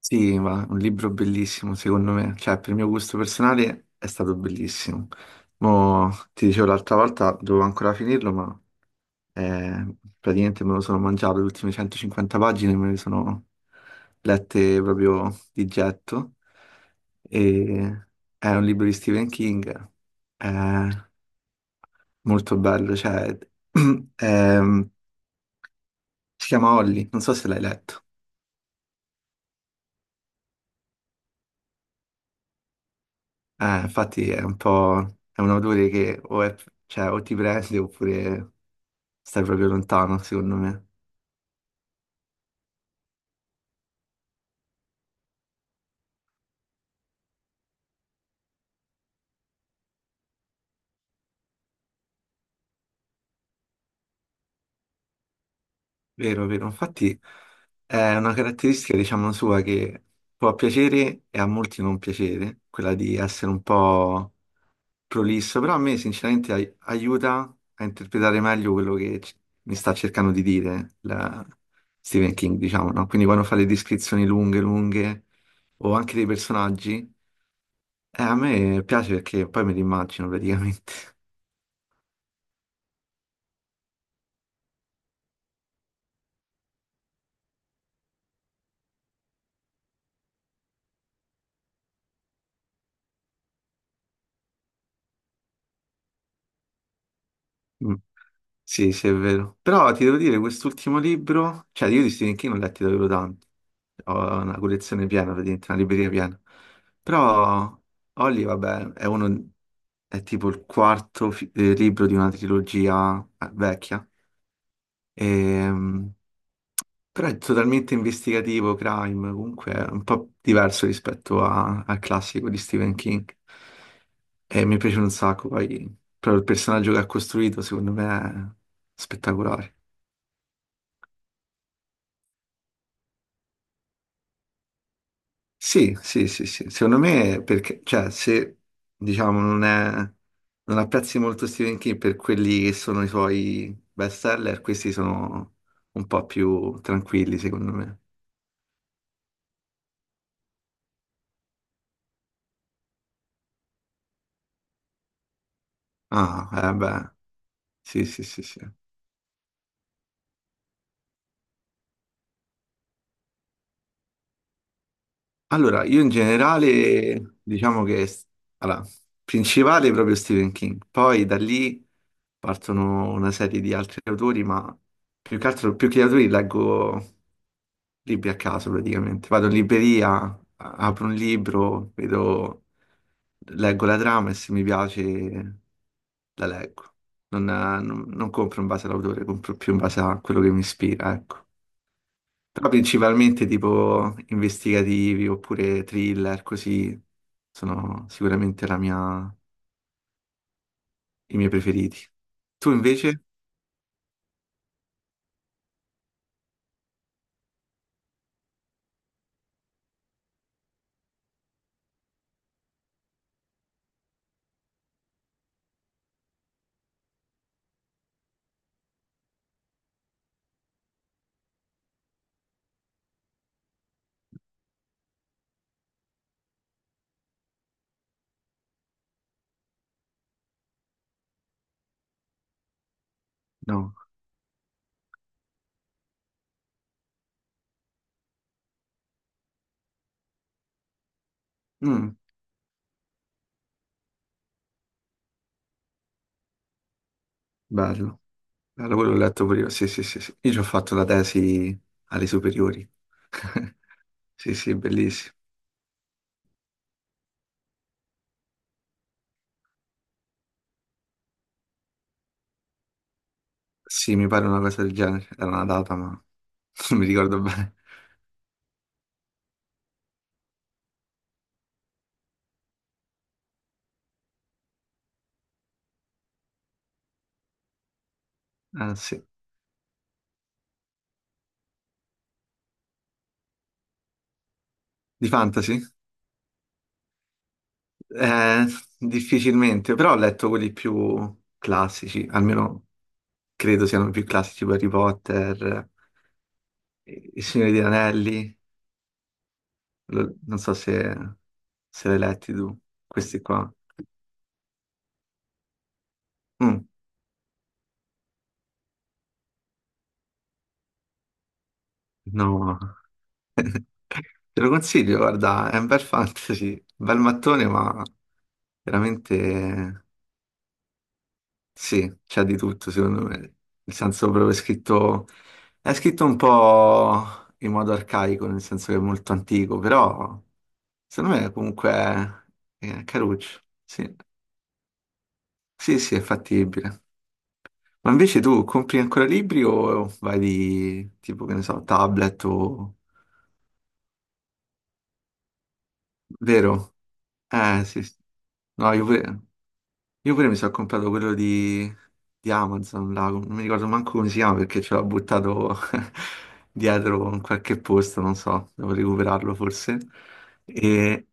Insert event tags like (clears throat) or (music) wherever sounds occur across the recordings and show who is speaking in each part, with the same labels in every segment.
Speaker 1: Sì, ma un libro bellissimo secondo me, cioè per il mio gusto personale è stato bellissimo. Mo, ti dicevo l'altra volta, dovevo ancora finirlo, ma praticamente me lo sono mangiato, le ultime 150 pagine me le sono lette proprio di getto. E è un libro di Stephen King, è molto bello, cioè, (clears throat) ehm, si chiama Holly, non so se l'hai letto. Infatti è un po', è un odore che o, cioè, o ti prende oppure stai proprio lontano, secondo me. Vero, vero. Infatti è una caratteristica, diciamo, sua che può piacere e a molti non piacere, quella di essere un po' prolisso, però a me sinceramente aiuta a interpretare meglio quello che mi sta cercando di dire Stephen King, diciamo, no? Quindi quando fa le descrizioni lunghe, lunghe, o anche dei personaggi. A me piace perché poi me l'immagino praticamente. (laughs) Mm. Sì, sì, è vero. Però ti devo dire, quest'ultimo libro, cioè io di Stephen King ho letti davvero tanti. Ho una collezione piena, praticamente, una libreria piena. Però Holly, vabbè, è uno, è tipo il quarto libro di una trilogia vecchia. Ehm, Però è totalmente investigativo, crime, comunque è un po' diverso rispetto al classico di Stephen King. E mi piace un sacco, poi proprio il personaggio che ha costruito secondo me è spettacolare. Sì, sì, sì, sì. Secondo me, perché, cioè, se diciamo non è, non apprezzi molto Stephen King per quelli che sono i suoi bestseller, questi sono un po' più tranquilli, secondo me. Ah, eh beh, sì, sì, sì, sì. Allora, io in generale diciamo che allora, principale è proprio Stephen King, poi da lì partono una serie di altri autori, ma più che altro, più che gli autori leggo libri a caso praticamente. Vado in libreria, apro un libro, vedo, leggo la trama e se mi piace la leggo. Non compro in base all'autore, compro più in base a quello che mi ispira, ecco. Però principalmente tipo investigativi oppure thriller, così sono sicuramente i miei preferiti. Tu invece? No. Mm, bello. Bello, quello l'ho letto pure io. Sì, sì, sì, sì. Io ci ho fatto la tesi alle superiori. (laughs) Sì, sì, bellissimo. Sì, mi pare una cosa del genere. Era una data, ma (laughs) non mi ricordo bene. Ah, sì. Di fantasy? Eh, Difficilmente, però ho letto quelli più classici, almeno. Credo siano più classici tipo Harry Potter, Il Signore degli Anelli, non so se, se l'hai letti tu, questi qua. Mm, no, te lo consiglio, guarda, è un bel fantasy, bel mattone, ma veramente sì, c'è di tutto secondo me. Nel senso proprio è scritto un po' in modo arcaico, nel senso che è molto antico, però secondo me comunque è caruccio, sì. Sì, sì, è fattibile. Ma invece tu compri ancora libri o vai di tipo, che ne so, tablet o... Vero? Sì, sì. No, io pure mi sono comprato quello di Amazon, là, non mi ricordo manco come si chiama perché ce l'ho buttato (laughs) dietro in qualche posto, non so, devo recuperarlo forse. E,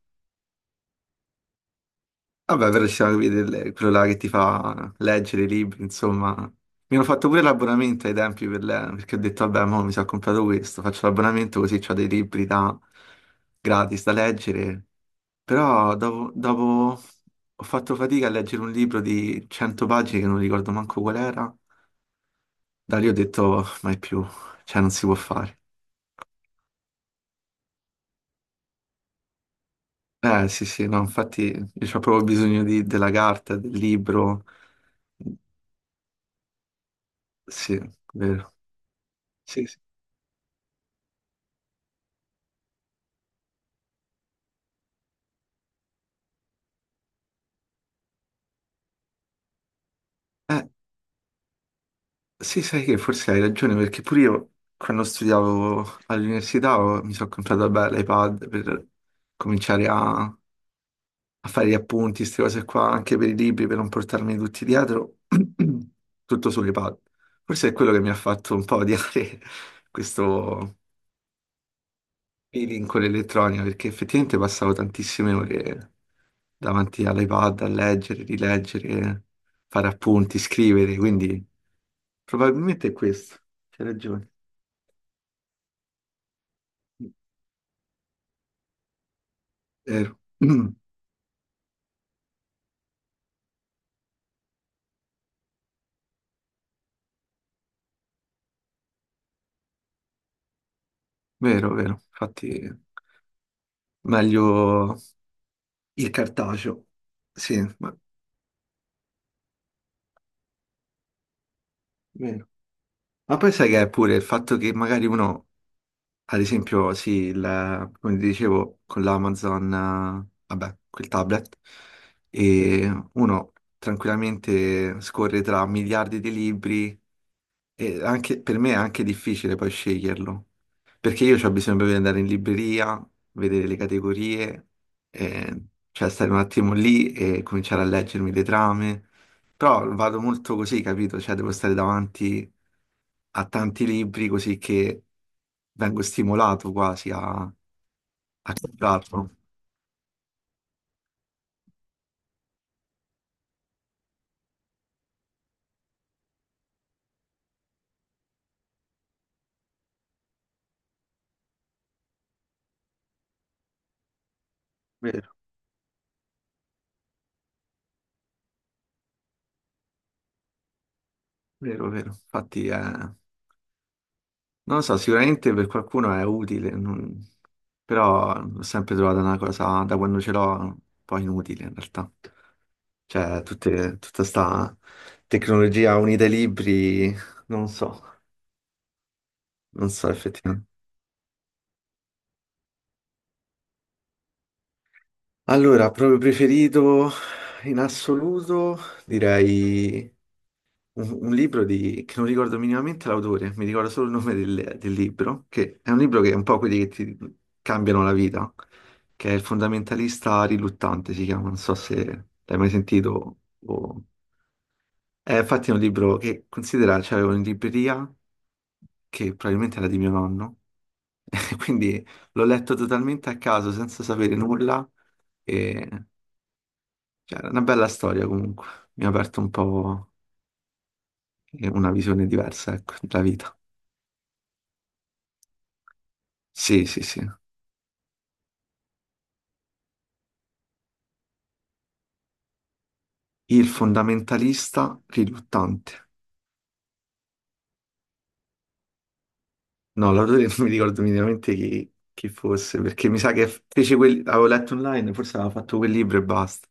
Speaker 1: Vabbè, però ci sono quelli quello là che ti fa leggere i libri, insomma. Mi hanno fatto pure l'abbonamento ai tempi per perché ho detto, vabbè, mo mi sono comprato questo, faccio l'abbonamento così ho dei libri da... gratis da leggere. Però dopo ho fatto fatica a leggere un libro di 100 pagine che non ricordo manco qual era. Da lì ho detto, mai più, cioè non si può fare. Eh sì sì, no, infatti io ho proprio bisogno della carta, del libro. Sì, vero. Sì, sì. Eh, Sì, sai che forse hai ragione, perché pure io quando studiavo all'università mi sono comprato beh, l'iPad per cominciare a fare gli appunti, queste cose qua, anche per i libri, per non portarmi tutti dietro, (clears throat) tutto sull'iPad. Forse è quello che mi ha fatto un po' odiare (laughs) questo feeling con l'elettronica, perché effettivamente passavo tantissime ore davanti all'iPad a leggere, rileggere, fare appunti, scrivere, quindi probabilmente è questo, c'hai ragione. Vero, (clears throat) Mm, vero, vero. Infatti, meglio il cartaceo. Sì, ma, vero. Ma poi sai che è pure il fatto che magari uno, ad esempio, sì, come ti dicevo, con l'Amazon, vabbè, quel tablet, e uno tranquillamente scorre tra miliardi di libri. E anche, per me è anche difficile poi sceglierlo, perché io ho bisogno di andare in libreria, vedere le categorie, eh, cioè stare un attimo lì e cominciare a leggermi le trame, però vado molto così, capito? Cioè devo stare davanti a tanti libri così che vengo stimolato quasi a comprarlo. Vero, vero, vero. Infatti è non lo so, sicuramente per qualcuno è utile, però ho sempre trovato una cosa, da quando ce l'ho, un po' inutile in realtà. Cioè, tutta sta tecnologia unita ai libri, non so, non so effettivamente. Allora, proprio preferito in assoluto, direi un libro di, che non ricordo minimamente l'autore, mi ricordo solo il nome del libro, che è un libro che è un po' quelli che ti cambiano la vita, che è Il fondamentalista riluttante, si chiama, non so se l'hai mai sentito. o- È infatti un libro che considera, c'avevo in libreria, che probabilmente era di mio nonno, (laughs) quindi l'ho letto totalmente a caso, senza sapere nulla, e cioè, era una bella storia comunque, mi ha aperto un po' una visione diversa, ecco, della vita. Sì, sì, sì. Il fondamentalista riluttante. No, (laughs) l'autore non mi ricordo minimamente chi, chi fosse, perché mi sa che fece quel... avevo letto online, forse aveva fatto quel libro e basta.